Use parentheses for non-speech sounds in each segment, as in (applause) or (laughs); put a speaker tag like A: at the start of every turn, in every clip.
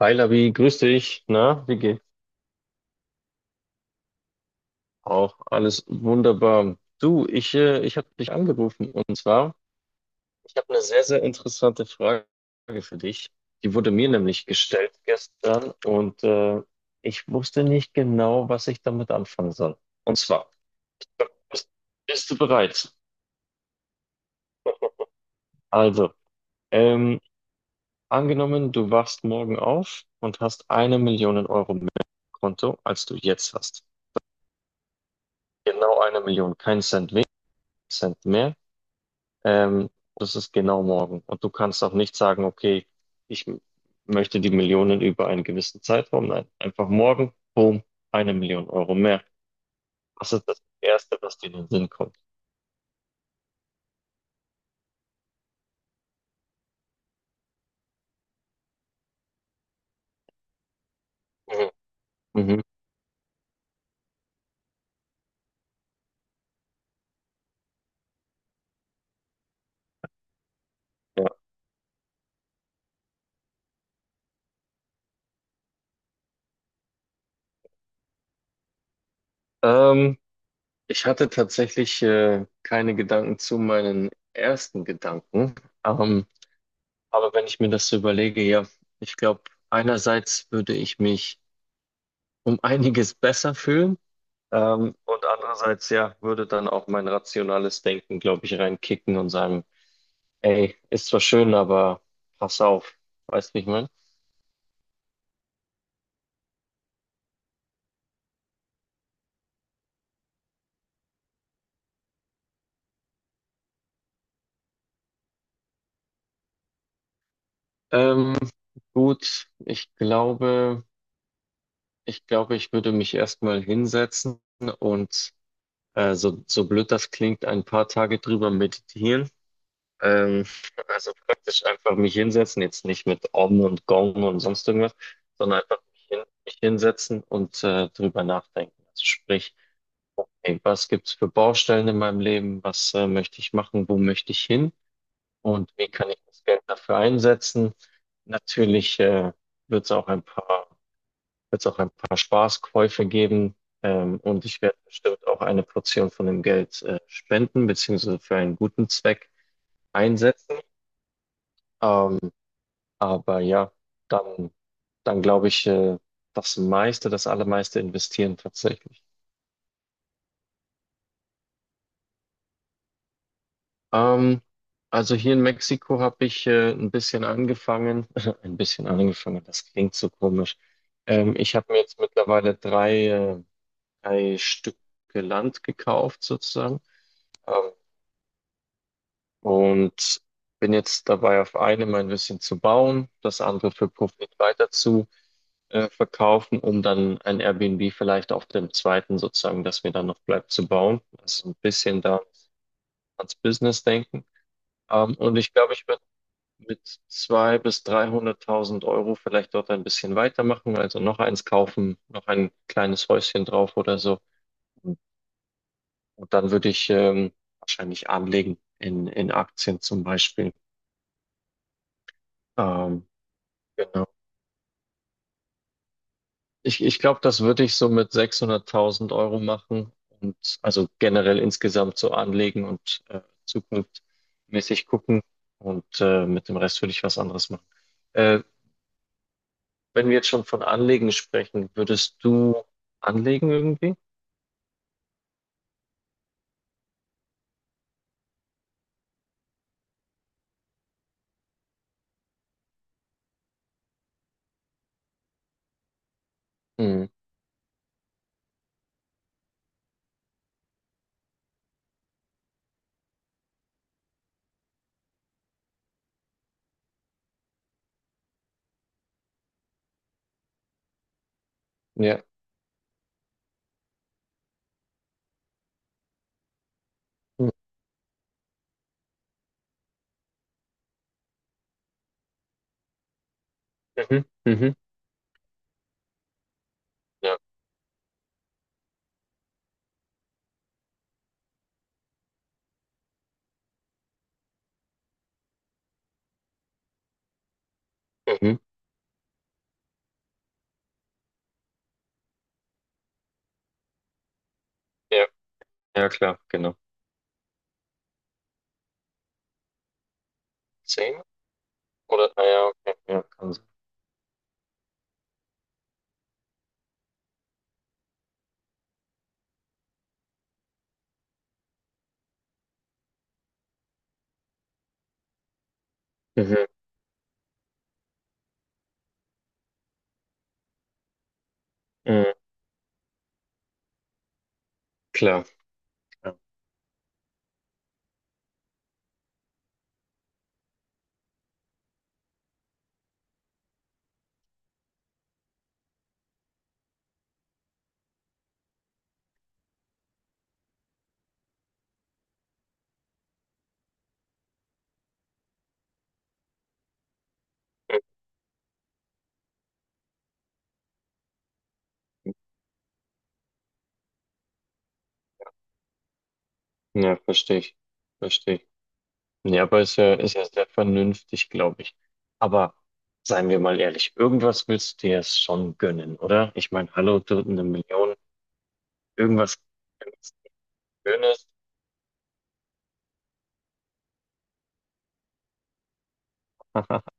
A: Hi Labi, grüß dich. Na, wie geht's? Auch alles wunderbar. Du, ich, ich habe dich angerufen, und zwar, ich habe eine sehr, sehr interessante Frage für dich. Die wurde mir nämlich gestellt, gestern und ich wusste nicht genau, was ich damit anfangen soll. Und zwar, bist, bist du bereit? Also, ähm, angenommen, du wachst morgen auf und hast eine Million Euro mehr im Konto, als du jetzt hast. Genau eine Million, kein Cent weniger, Cent mehr. Ähm, das ist genau morgen. Und du kannst auch nicht sagen, okay, ich m- möchte die Millionen über einen gewissen Zeitraum. Nein, einfach morgen, boom, eine Million Euro mehr. Das ist das Erste, was dir in den Sinn kommt. Mhm. Mhm. Ja. Ähm, ich hatte tatsächlich keine Gedanken zu meinen ersten Gedanken. Ähm, aber wenn ich mir das so überlege, ja, ich glaube, einerseits würde ich mich um einiges besser fühlen. Und andererseits, ja, würde dann auch mein rationales Denken, glaube ich, reinkicken und sagen, ey, ist zwar schön, aber pass auf. Weißt du, wie ich meine? Ähm, gut, ich glaube, ich würde mich erstmal hinsetzen und so, so blöd das klingt, ein paar Tage drüber meditieren. Ähm, also praktisch einfach mich hinsetzen, jetzt nicht mit Om und Gong und sonst irgendwas, sondern einfach mich hinsetzen und drüber nachdenken. Also sprich, hey, was gibt's für Baustellen in meinem Leben? Was möchte ich machen? Wo möchte ich hin? Und wie kann ich das Geld dafür einsetzen? Natürlich wird es auch ein paar, wird's auch ein paar Spaßkäufe geben. Und ich werde bestimmt auch eine Portion von dem Geld spenden, beziehungsweise für einen guten Zweck einsetzen. Ähm, aber ja, dann, dann glaube ich, das meiste, das allermeiste investieren tatsächlich. Ähm, also hier in Mexiko habe ich ein bisschen angefangen, (laughs) ein bisschen angefangen, das klingt so komisch. Ich habe mir jetzt mittlerweile drei Stücke Land gekauft sozusagen, ähm, und bin jetzt dabei, auf einem ein bisschen zu bauen, das andere für Profit weiter zu verkaufen, um dann ein Airbnb vielleicht auf dem zweiten sozusagen, das mir dann noch bleibt, zu bauen. Also ein bisschen da ans Business denken. Und ich glaube, ich werde mit 200.000 bis 300.000 Euro vielleicht dort ein bisschen weitermachen, also noch eins kaufen, noch ein kleines Häuschen drauf oder so. Und dann würde ich wahrscheinlich anlegen in Aktien zum Beispiel. Ähm, genau. Ich glaube, das würde ich so mit 600.000 Euro machen und also generell insgesamt so anlegen und zukunftsmäßig gucken und mit dem Rest würde ich was anderes machen. Äh, Wenn wir jetzt schon von Anlegen sprechen, würdest du anlegen irgendwie? Hm, ja. Hm. Mhm, mhm, ja, mhm, ja, ja, klar, genau. Zehn? Oder, ah ja, okay, ja, kann sein. Mhm, mhm, klar, ja, mhm. Ja, verstehe ich, verstehe ich. Ja, aber ist ja sehr vernünftig, glaube ich. Aber seien wir mal ehrlich, irgendwas willst du dir jetzt schon gönnen, oder? Ich meine, hallo, du eine Million, irgendwas, irgendwas Schönes. (laughs)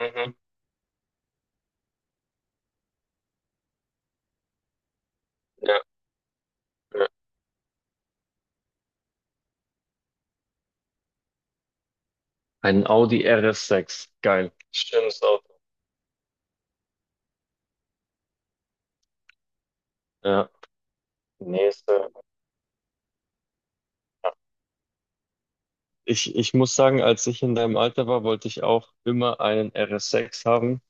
A: Mhm, ja, ja. Ein Audi RS6. Geil. Schönes Auto. Ja. Nächste. Ich muss sagen, als ich in deinem Alter war, wollte ich auch immer einen RS6 haben.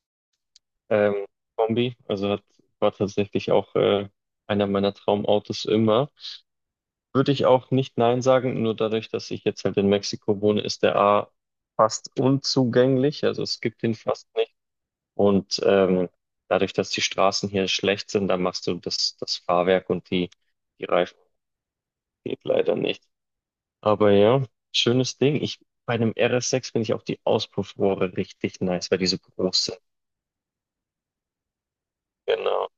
A: Ähm, Kombi. War tatsächlich auch einer meiner Traumautos immer. Würde ich auch nicht nein sagen, nur dadurch, dass ich jetzt halt in Mexiko wohne, ist der A fast unzugänglich. Also es gibt ihn fast nicht. Und dadurch, dass die Straßen hier schlecht sind, da machst du das Fahrwerk und die Reifen, geht leider nicht. Aber ja, schönes Ding. Ich, bei einem RS6 finde ich auch die Auspuffrohre richtig nice, weil die so groß sind. Genau.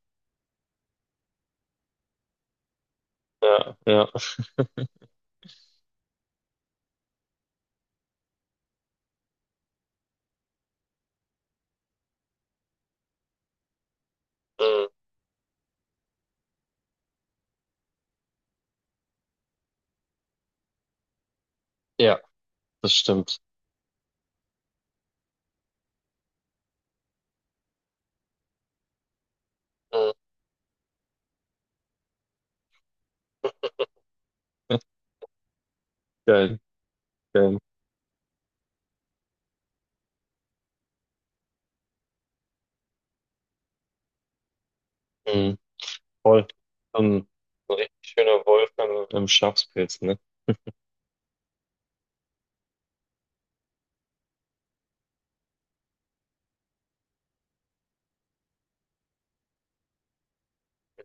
A: Ja, ja. Mhm. Ja, das stimmt. Mhm. Geil, geil. Mhm. Voll. Ähm, so ein richtig schöner Wolf am, am Schafspilz, ne?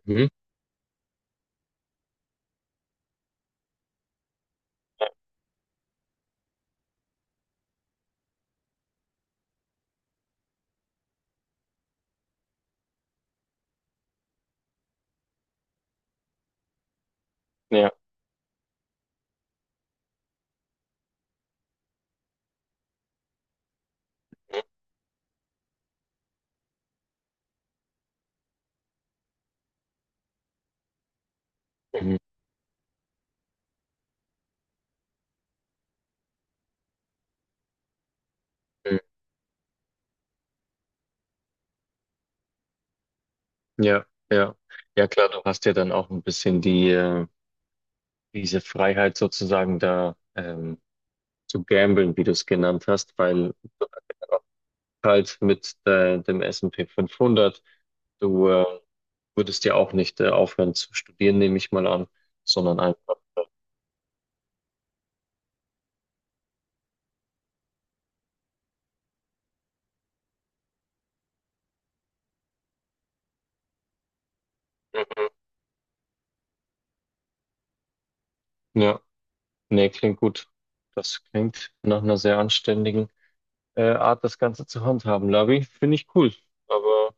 A: Mhm. Ja. Mhm. Mhm. Ja, ja. Ja, klar, du hast ja dann auch ein bisschen die, diese Freiheit sozusagen da, zu gamblen, wie du es genannt hast, weil halt mit dem S&P 500. Du würdest ja auch nicht aufhören zu studieren, nehme ich mal an, sondern einfach. Mhm. Ja, nee, klingt gut. Das klingt nach einer sehr anständigen Art, das Ganze zu handhaben, Labi. Finde ich cool. Aber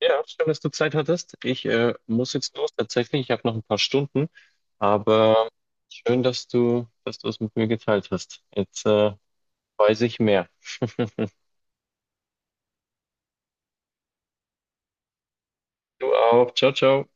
A: ja, schön, dass du Zeit hattest. Ich muss jetzt los tatsächlich. Ich habe noch ein paar Stunden. Aber schön, dass du es mit mir geteilt hast. Jetzt weiß ich mehr. (laughs) Du auch. Ciao, ciao.